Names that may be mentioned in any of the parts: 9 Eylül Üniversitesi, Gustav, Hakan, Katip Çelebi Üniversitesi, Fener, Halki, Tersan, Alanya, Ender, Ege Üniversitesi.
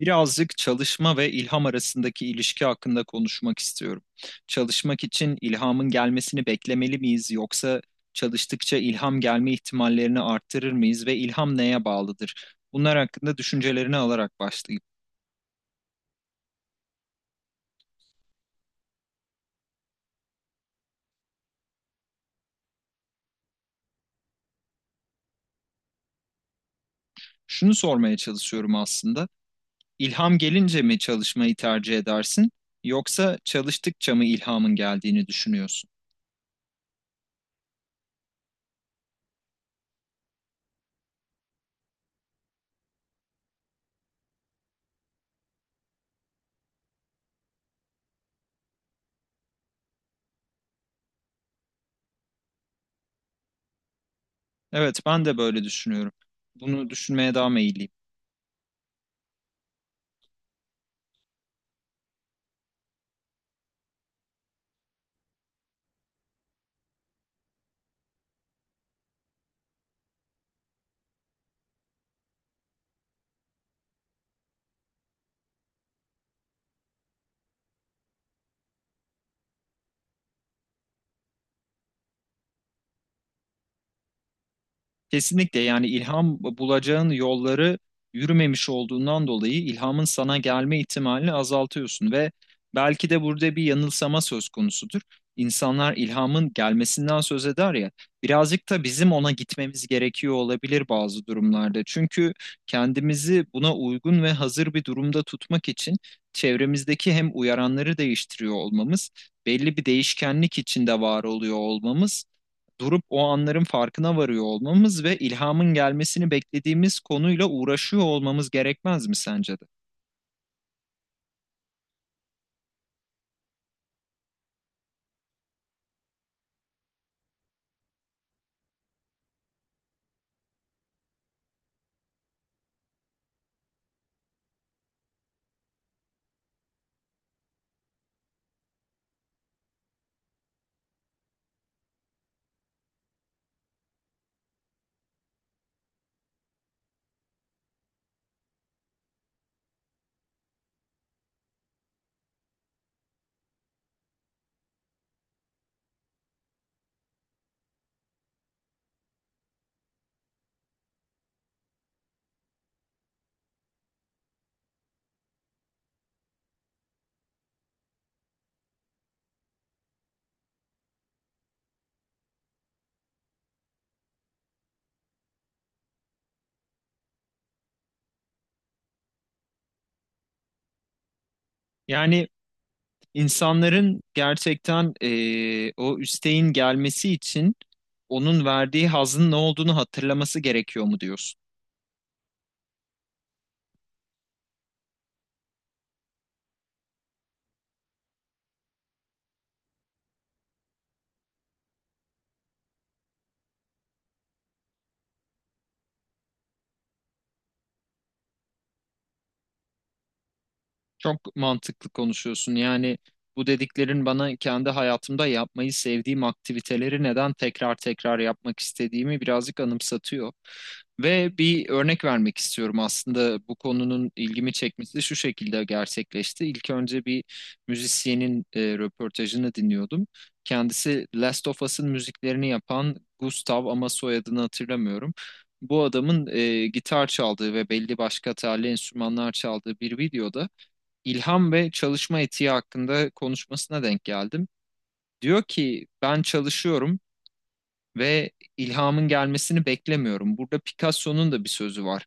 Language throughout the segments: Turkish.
Birazcık çalışma ve ilham arasındaki ilişki hakkında konuşmak istiyorum. Çalışmak için ilhamın gelmesini beklemeli miyiz yoksa çalıştıkça ilham gelme ihtimallerini arttırır mıyız ve ilham neye bağlıdır? Bunlar hakkında düşüncelerini alarak başlayayım. Şunu sormaya çalışıyorum aslında. İlham gelince mi çalışmayı tercih edersin yoksa çalıştıkça mı ilhamın geldiğini düşünüyorsun? Evet, ben de böyle düşünüyorum. Bunu düşünmeye daha meyilliyim. Kesinlikle, yani ilham bulacağın yolları yürümemiş olduğundan dolayı ilhamın sana gelme ihtimalini azaltıyorsun ve belki de burada bir yanılsama söz konusudur. İnsanlar ilhamın gelmesinden söz eder ya, birazcık da bizim ona gitmemiz gerekiyor olabilir bazı durumlarda. Çünkü kendimizi buna uygun ve hazır bir durumda tutmak için çevremizdeki hem uyaranları değiştiriyor olmamız, belli bir değişkenlik içinde var oluyor olmamız, durup o anların farkına varıyor olmamız ve ilhamın gelmesini beklediğimiz konuyla uğraşıyor olmamız gerekmez mi sence de? Yani insanların gerçekten o üsteğin gelmesi için onun verdiği hazın ne olduğunu hatırlaması gerekiyor mu diyorsun? Çok mantıklı konuşuyorsun. Yani bu dediklerin bana kendi hayatımda yapmayı sevdiğim aktiviteleri neden tekrar tekrar yapmak istediğimi birazcık anımsatıyor. Ve bir örnek vermek istiyorum. Aslında bu konunun ilgimi çekmesi şu şekilde gerçekleşti. İlk önce bir müzisyenin röportajını dinliyordum. Kendisi Last of Us'ın müziklerini yapan Gustav, ama soyadını hatırlamıyorum. Bu adamın gitar çaldığı ve belli başka telli enstrümanlar çaldığı bir videoda ilham ve çalışma etiği hakkında konuşmasına denk geldim. Diyor ki ben çalışıyorum ve ilhamın gelmesini beklemiyorum. Burada Picasso'nun da bir sözü var.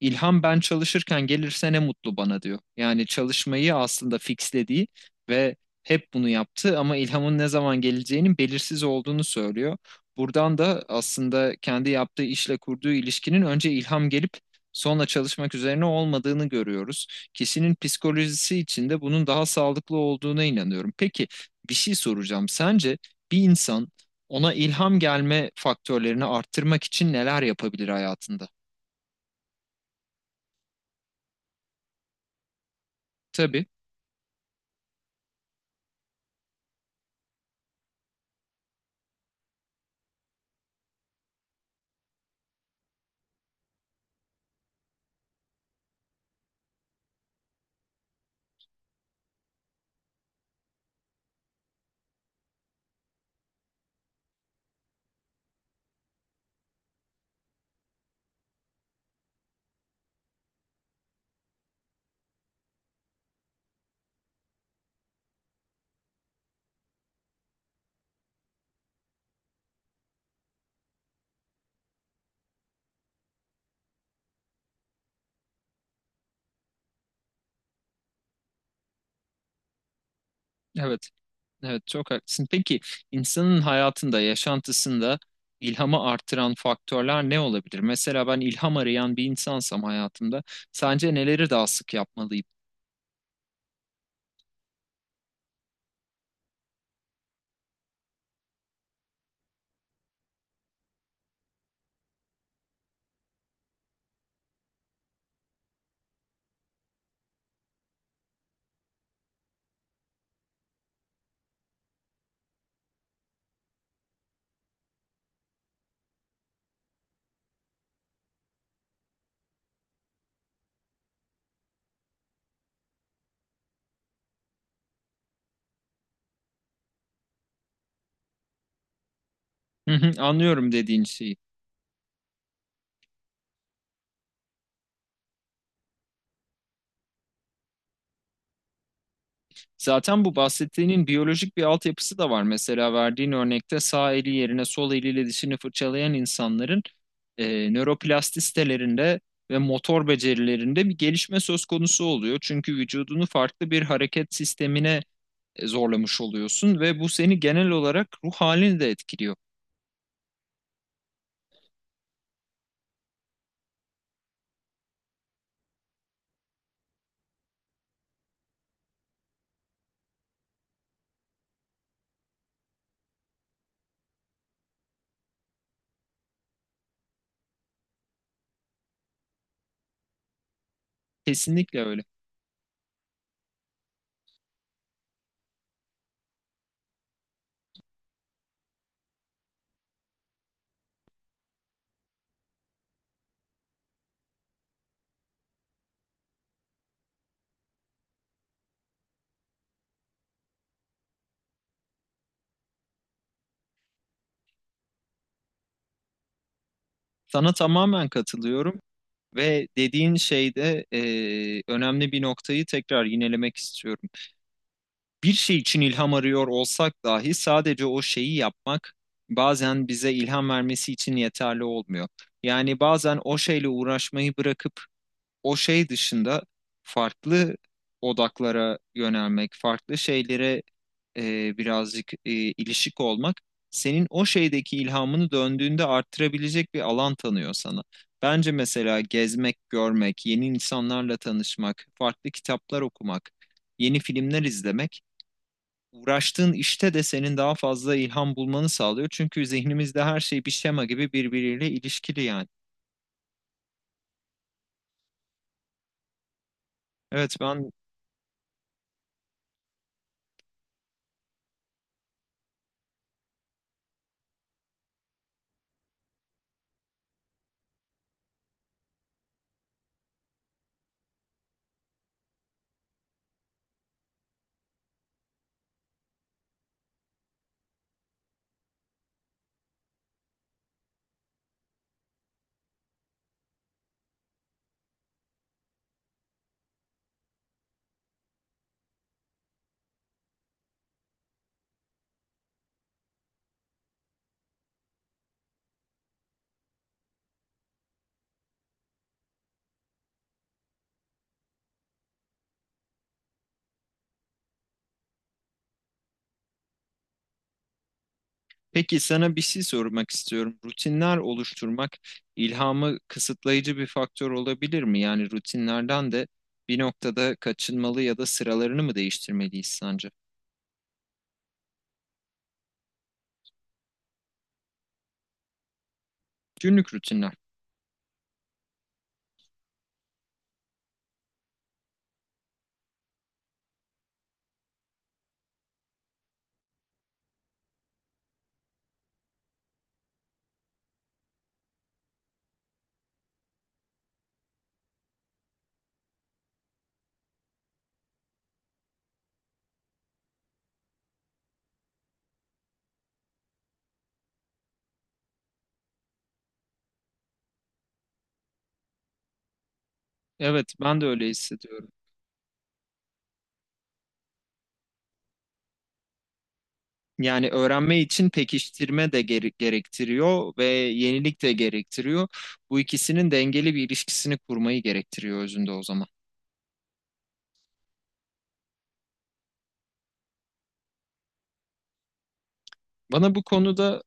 İlham ben çalışırken gelirse ne mutlu bana diyor. Yani çalışmayı aslında fixlediği ve hep bunu yaptı, ama ilhamın ne zaman geleceğinin belirsiz olduğunu söylüyor. Buradan da aslında kendi yaptığı işle kurduğu ilişkinin önce ilham gelip sonra çalışmak üzerine olmadığını görüyoruz. Kişinin psikolojisi için de bunun daha sağlıklı olduğuna inanıyorum. Peki, bir şey soracağım. Sence bir insan ona ilham gelme faktörlerini arttırmak için neler yapabilir hayatında? Tabii, evet. Evet, çok haklısın. Peki insanın hayatında, yaşantısında ilhamı artıran faktörler ne olabilir? Mesela ben ilham arayan bir insansam hayatımda sence neleri daha sık yapmalıyım? Hı hı, anlıyorum dediğin şeyi. Zaten bu bahsettiğinin biyolojik bir altyapısı da var. Mesela verdiğin örnekte sağ eli yerine sol eliyle dişini fırçalayan insanların nöroplastistelerinde ve motor becerilerinde bir gelişme söz konusu oluyor. Çünkü vücudunu farklı bir hareket sistemine zorlamış oluyorsun ve bu seni genel olarak ruh halini de etkiliyor. Kesinlikle öyle. Sana tamamen katılıyorum ve dediğin şeyde önemli bir noktayı tekrar yinelemek istiyorum. Bir şey için ilham arıyor olsak dahi sadece o şeyi yapmak bazen bize ilham vermesi için yeterli olmuyor. Yani bazen o şeyle uğraşmayı bırakıp o şey dışında farklı odaklara yönelmek, farklı şeylere birazcık ilişik olmak senin o şeydeki ilhamını döndüğünde arttırabilecek bir alan tanıyor sana. Bence mesela gezmek, görmek, yeni insanlarla tanışmak, farklı kitaplar okumak, yeni filmler izlemek uğraştığın işte de senin daha fazla ilham bulmanı sağlıyor. Çünkü zihnimizde her şey bir şema gibi birbiriyle ilişkili yani. Evet, ben. Peki sana bir şey sormak istiyorum. Rutinler oluşturmak ilhamı kısıtlayıcı bir faktör olabilir mi? Yani rutinlerden de bir noktada kaçınmalı ya da sıralarını mı değiştirmeliyiz sence? Günlük rutinler. Evet, ben de öyle hissediyorum. Yani öğrenme için pekiştirme de gerektiriyor ve yenilik de gerektiriyor. Bu ikisinin dengeli bir ilişkisini kurmayı gerektiriyor özünde o zaman. Bana bu konuda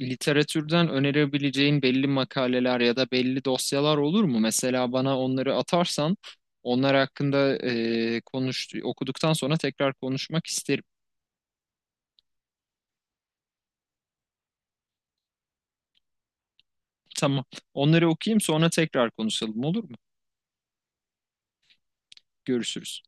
literatürden önerebileceğin belli makaleler ya da belli dosyalar olur mu? Mesela bana onları atarsan onlar hakkında konuş, okuduktan sonra tekrar konuşmak isterim. Tamam. Onları okuyayım, sonra tekrar konuşalım, olur mu? Görüşürüz.